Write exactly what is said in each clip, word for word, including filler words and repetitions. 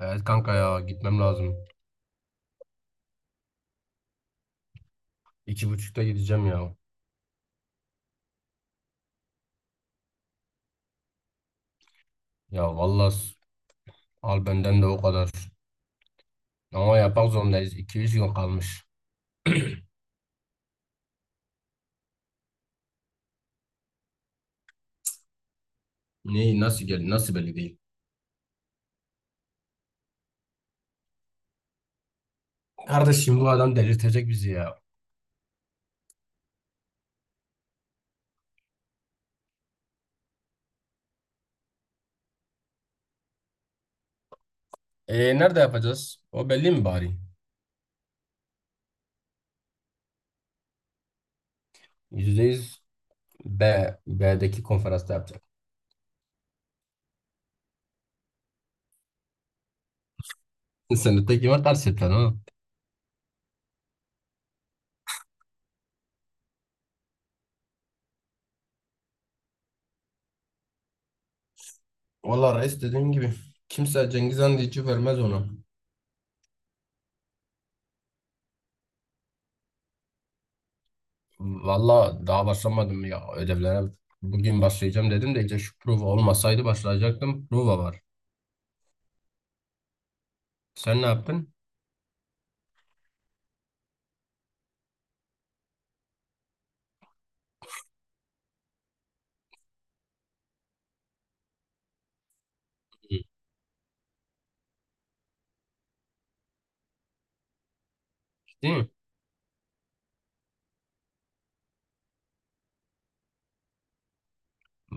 Evet kanka ya gitmem lazım. İki buçukta gideceğim ya. Ya vallahi s- al benden de o kadar. Ama yapmak zorundayız. iki üç gün kalmış. Neyi nasıl gel nasıl belli değil. Kardeşim bu adam delirtecek bizi ya. E nerede yapacağız? O belli mi bari? Yüzde yüz B, B'deki konferansta yapacak. Sen de tek var ters yapacaksın ha. Valla reis dediğim gibi. Kimse Cengiz Han diyeceği vermez ona. Valla daha başlamadım ya ödevlere. Bugün başlayacağım dedim de işte şu prova olmasaydı başlayacaktım. Prova var. Sen ne yaptın? İyi. Değil mi?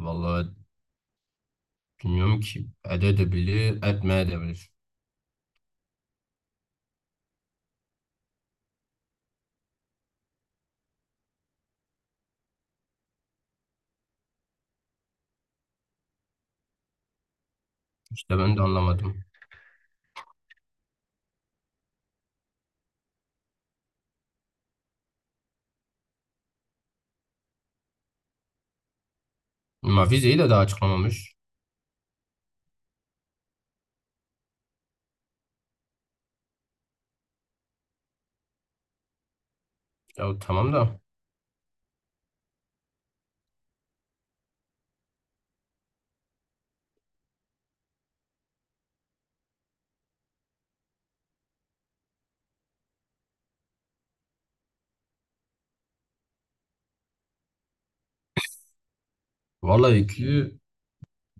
Valla bilmiyorum ki edebilir, etmeyebilir. İşte ben de anlamadım. Ama vizeyi de daha açıklamamış. Ya tamam da. Valla öyküyü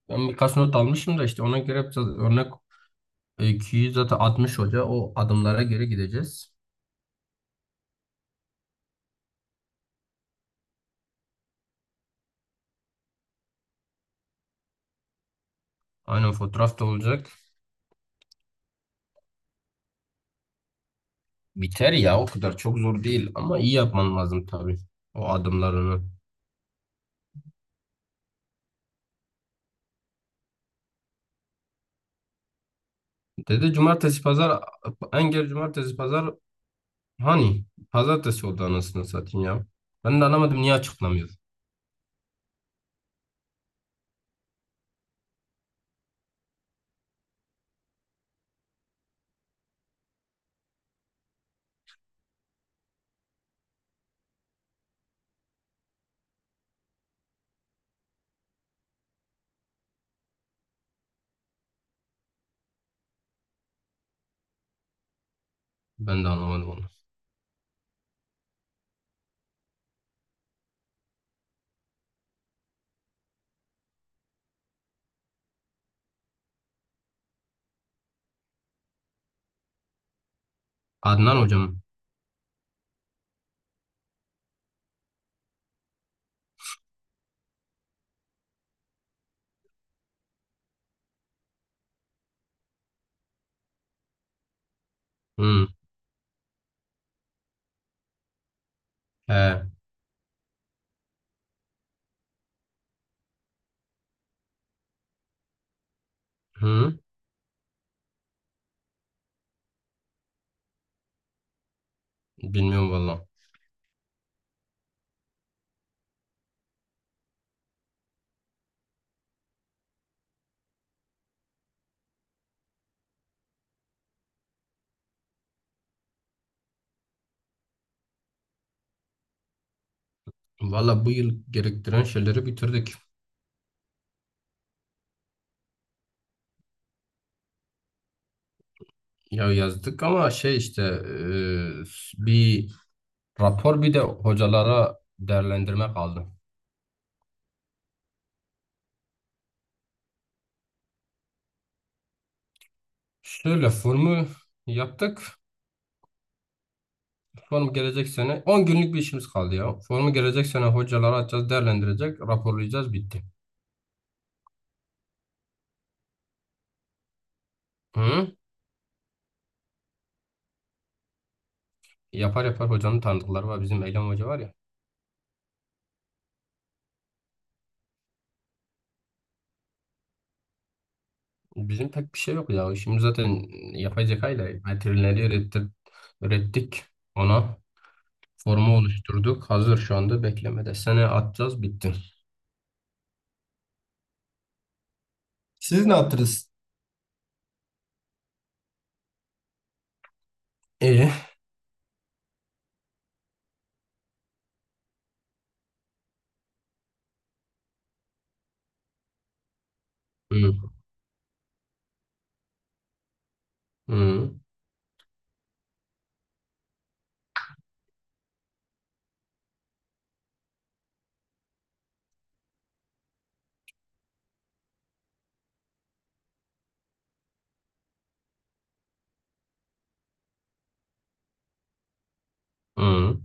ben birkaç not almışım da işte ona göre biraz örnek öyküyü zaten altmış hoca o adımlara göre gideceğiz. Aynen fotoğraf da olacak. Biter ya o kadar çok zor değil ama iyi yapman lazım tabii o adımlarını. Dedi cumartesi pazar engel cumartesi pazar hani pazartesi oldu anasını satayım ya. Ben de anlamadım niye açıklamıyor. Ben de anlamadım onu. Adnan hocam. Hı. He. Hı. Bilmiyorum valla. Valla bu yıl gerektiren şeyleri bitirdik. Ya yazdık ama şey işte e, bir rapor bir de hocalara değerlendirme kaldı. Şöyle formu yaptık. Form gelecek sene on günlük bir işimiz kaldı ya. Formu gelecek sene hocalara atacağız, değerlendirecek, raporlayacağız bitti. Hı? Yapar yapar hocanın tanıdıkları var. Bizim Eylem Hoca var ya. Bizim pek bir şey yok ya. İşimiz zaten yapay zeka ile veterineri ürettir- ürettik ona. Formu oluşturduk. Hazır şu anda beklemede. Sene atacağız bitti. Siz ne yaptınız? İyi. Hı, hı, hı.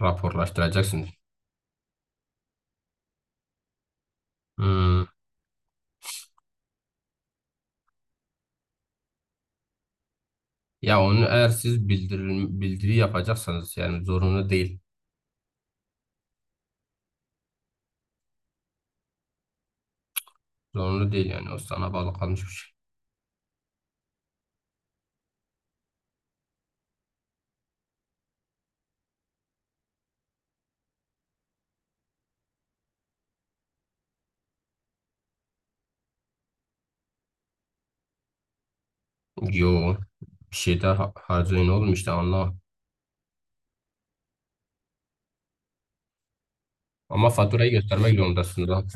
Raporlaştıracaksınız. Hı. Ya onu eğer siz bildirim, bildiri yapacaksanız yani zorunlu değil. Zorunlu değil yani. O sana bağlı kalmış bir şey. Yo. Bir şey daha ha- harcayın oğlum işte anla. Ama faturayı göstermek zorundasın lan.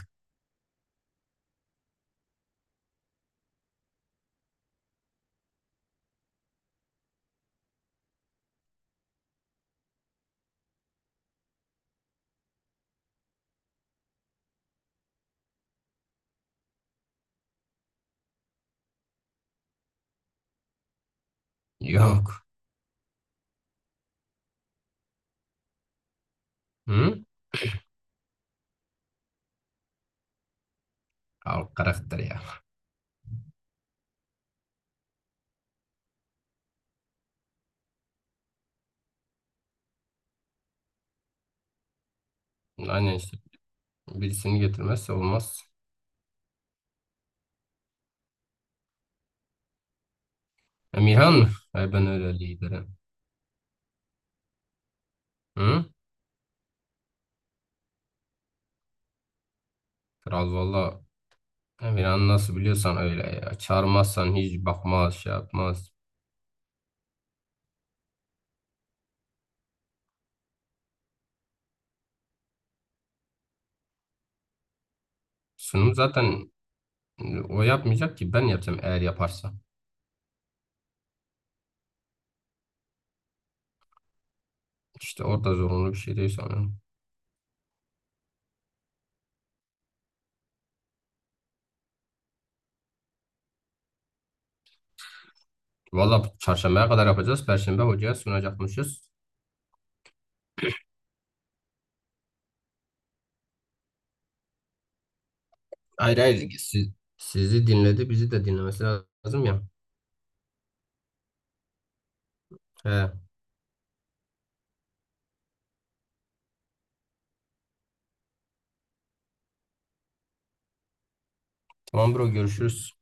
Yok. Hı? Al karakter ya. Aynen işte. Birisini getirmezse olmaz. Emirhan mı? Ay ben öyle liderim. Hı? Kral valla. Emirhan nasıl biliyorsan öyle ya. Çağırmazsan hiç bakmaz, şey yapmaz. Sunum zaten e, o yapmayacak ki ben yapacağım eğer yaparsa. İşte orada zorunlu bir şey değil sonra. Valla çarşambaya kadar yapacağız. Perşembe hocaya sunacakmışız. Hayır hayır. Si- sizi dinledi, bizi de dinlemesi lazım ya. He. Tamam bro görüşürüz.